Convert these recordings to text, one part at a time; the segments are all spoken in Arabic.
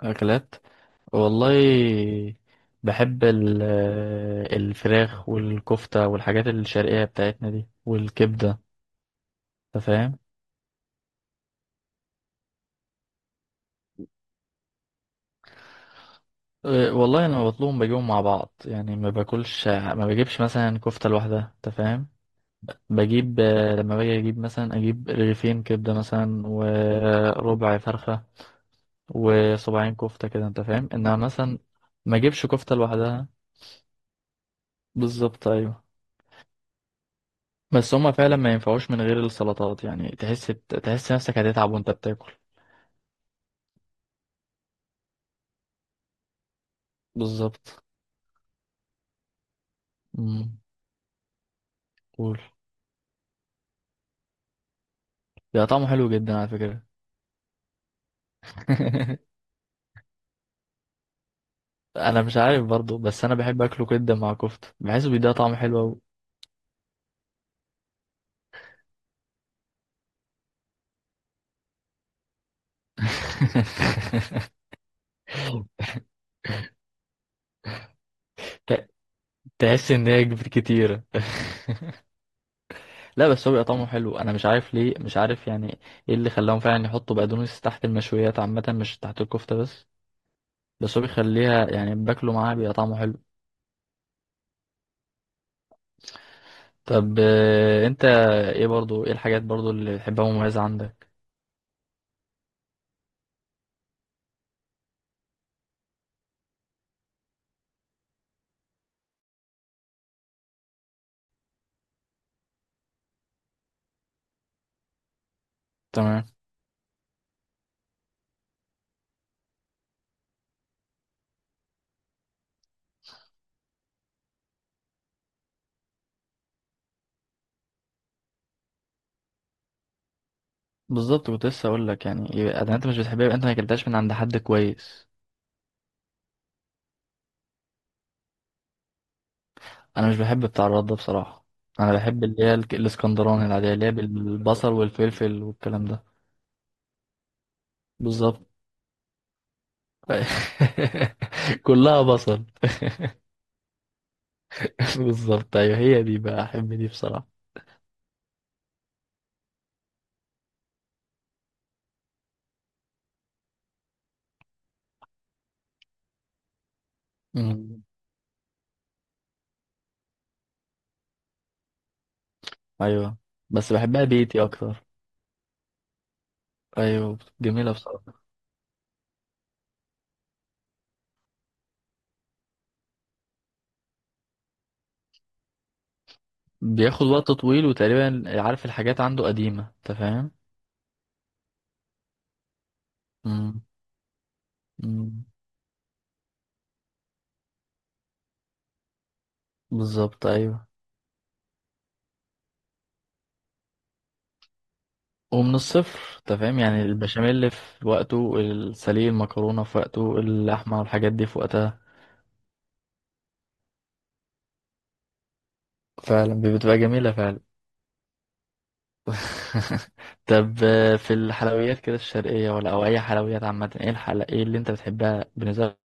أكلات، والله بحب الفراخ والكفتة والحاجات الشرقية بتاعتنا دي والكبدة. أنت فاهم؟ أه، والله أنا لما بطلبهم بجيبهم مع بعض، يعني ما باكلش، ما بجيبش مثلا كفتة لوحدها. أنت فاهم؟ بجيب لما باجي أجيب مثلا، أجيب رغيفين كبدة مثلا وربع فرخة وصباعين كفتة كده. أنت فاهم إنها مثلا ما أجيبش كفتة لوحدها. بالظبط، أيوه. بس هما فعلا ما ينفعوش من غير السلطات، يعني تحس تحس نفسك هتتعب وانت بتاكل. بالظبط. امم. قول. ده طعمه حلو جدا على فكرة. انا مش عارف برضو، بس انا بحب اكله جدا مع كفتة، بحسه بيديها طعم حلو قوي. ت- تحس ان هي كبير كتيرة. لا، بس هو بيبقى طعمه حلو، انا مش عارف ليه، مش عارف يعني. ايه اللي خلاهم فعلا يحطوا بقدونس تحت المشويات عامة، مش تحت الكفتة بس. بس هو بيخليها يعني باكله معاها بيبقى طعمه حلو. طب آه، انت ايه برضو، ايه الحاجات برضو اللي بتحبها مميزة عندك؟ تمام. بالظبط، كنت لسه اقول لك يعني، يبقى اذا انت مش بتحبها يبقى انت ما اكلتهاش من عند حد كويس. انا مش بحب بتاع الرد ده بصراحة. انا بحب اللي هي الاسكندراني العادية اللي هي بالبصل والفلفل والكلام ده. بالظبط. كلها بصل. بالظبط، ايوه، هي دي بقى احب دي بصراحة. مم. ايوه، بس بحبها بيتي اكتر. ايوه، جميلة بصراحة. بياخد وقت طويل، وتقريبا عارف الحاجات عنده قديمة، انت فاهم. مم. مم. بالظبط، ايوه. ومن الصفر، انت فاهم، يعني البشاميل في وقته، السليق المكرونة في وقته، اللحمة والحاجات دي في وقتها. فعلا بتبقى جميلة فعلا. طب آه، في الحلويات كده الشرقية، ولا أو أي حلويات عامة، ايه الحل، ايه اللي انت بتحبها بالنسبة لك؟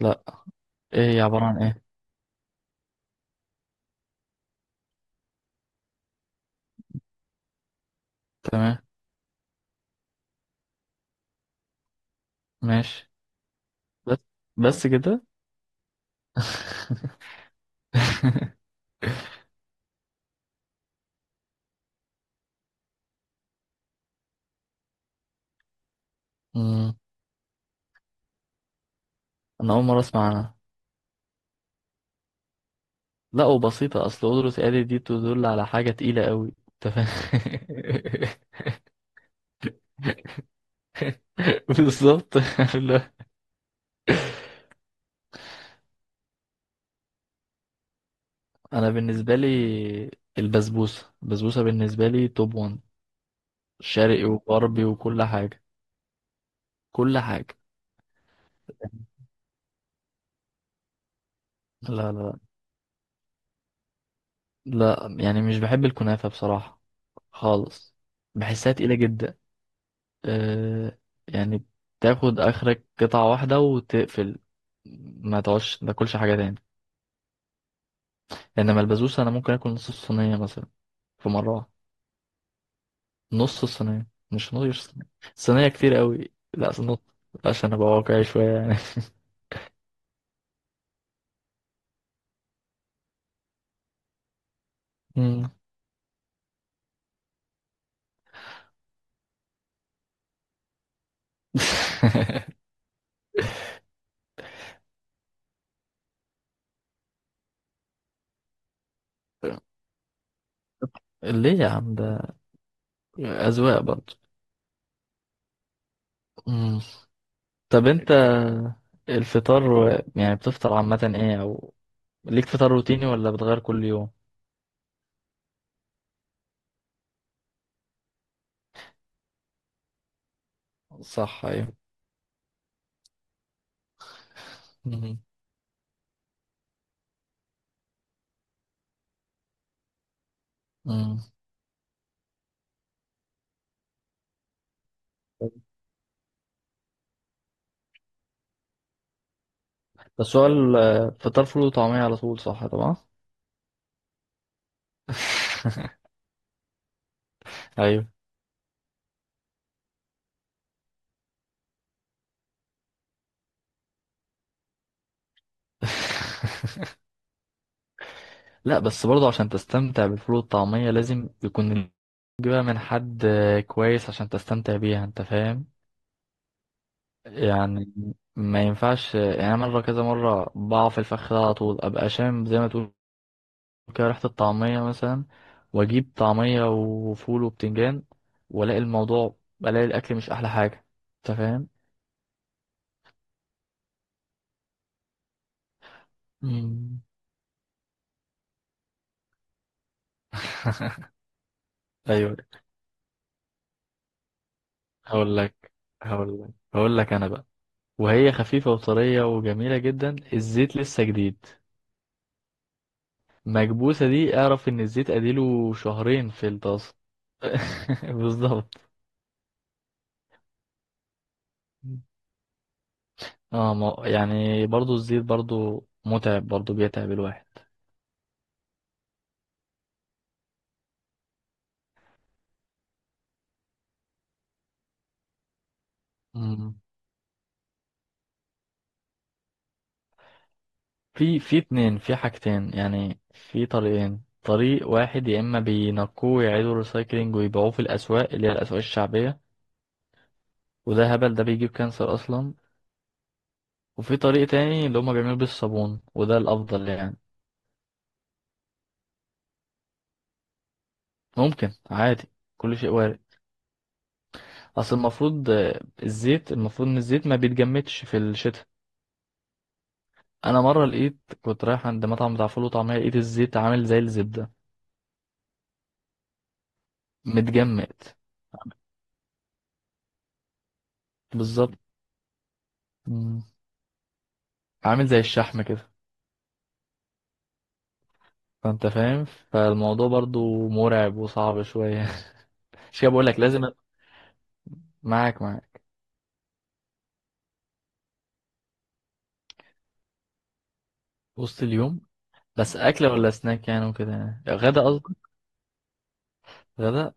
لا. ايه هي عبارة عن ايه؟ تمام. ماشي. بس. بس كده. مم. أنا أول مرة أسمع عنها. لا وبسيطة، أصل قدرة آلي دي تدل على حاجة تقيلة قوي، أنت فاهم. بالظبط. لا. أنا بالنسبة لي، البسبوسة، البسبوسة بالنسبة لي توب ون. شرقي وغربي وكل حاجة. كل حاجة. لا لا. لا يعني مش بحب الكنافة بصراحة. خالص. بحسها تقيلة جدا. أه. يعني تاخد آخرك قطعة واحدة وتقفل. ما تقعدش ما تاكلش حاجة تاني. إنما البسبوسة أنا ممكن آكل نص الصينية مثلا في مرة واحدة. نص الصينية، مش نص الصينية. الصينية كتير قوي، لا نص. عشان ابقى واقعي شوية يعني. مم. ليه يا عم ده؟ أذواق برضه. مم. طب انت الفطار يعني بتفطر عامة ايه، او ليك فطار روتيني ولا بتغير كل يوم؟ صح، ايوه. مم. مم. بس هو الفطار فول وطعمية على طول، صح طبعا. ايوه. لا بس برضه، عشان تستمتع بالفول والطعمية، لازم يكون تجيبها من حد كويس عشان تستمتع بيها، انت فاهم يعني. ما ينفعش، يعني أنا مرة كذا مرة بقع في الفخ ده، على طول ابقى شامم زي ما تقول كده ريحة الطعمية مثلا، واجيب طعمية وفول وبتنجان، والاقي الموضوع، بلاقي الاكل مش احلى حاجة. انت فاهم. مم. ايوه. هقول لك، هقول لك انا بقى، وهي خفيفة وطرية وجميلة جدا، الزيت لسه جديد. مكبوسة دي، اعرف ان الزيت اديله شهرين في الطاسة. بالظبط. اه، ما يعني برضو الزيت برضو متعب، برضو بيتعب الواحد. مم. في اتنين، في حاجتين يعني، في طريقين. طريق واحد، يا اما بينقوه ويعيدوا ريسايكلينج ويبيعوه في الاسواق اللي هي الاسواق الشعبية، وده هبل، ده بيجيب كانسر اصلا. وفي طريق تاني اللي هما بيعملوا بيه الصابون، وده الافضل يعني. ممكن عادي. كل شيء وارد. اصل المفروض آه، الزيت المفروض ان الزيت ما بيتجمدش في الشتاء. انا مره لقيت، كنت رايح عند مطعم بتاع فول وطعميه، لقيت الزيت عامل زي الزبده، متجمد. بالظبط. مم. عامل زي الشحم كده. فانت فاهم، فالموضوع برضو مرعب وصعب شويه. مش كده بقول لك، لازم معاك، معاك. وسط اليوم بس اكل ولا سناك يعني وكده، يعني غدا قصدي؟ غدا.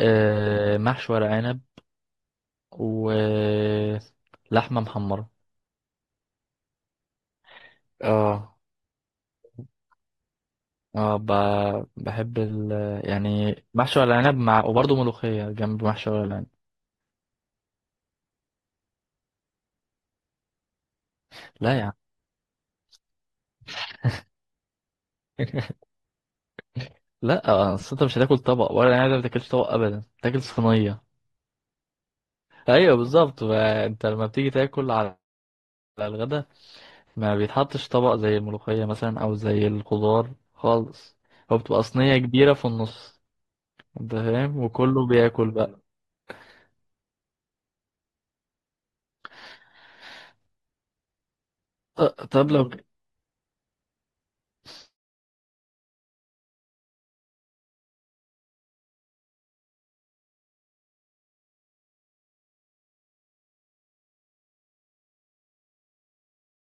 آه محشي ورق عنب ولحمه محمره. اه. اه. بحب ال... يعني محشي ورق العنب مع، وبرضه ملوخية جنب محشي ورق العنب. لا يا عم. لا آه، اصل انت مش هتاكل طبق ورق العنب ده، ما بتاكلش طبق ابدا، تاكل صينية. ايوه بالظبط، ما انت لما بتيجي تاكل على، على الغدا، ما بيتحطش طبق زي الملوخية مثلا او زي الخضار خالص. هو بتبقى صينية كبيرة في النص. انت فاهم، وكله بياكل بقى. ط- طب لو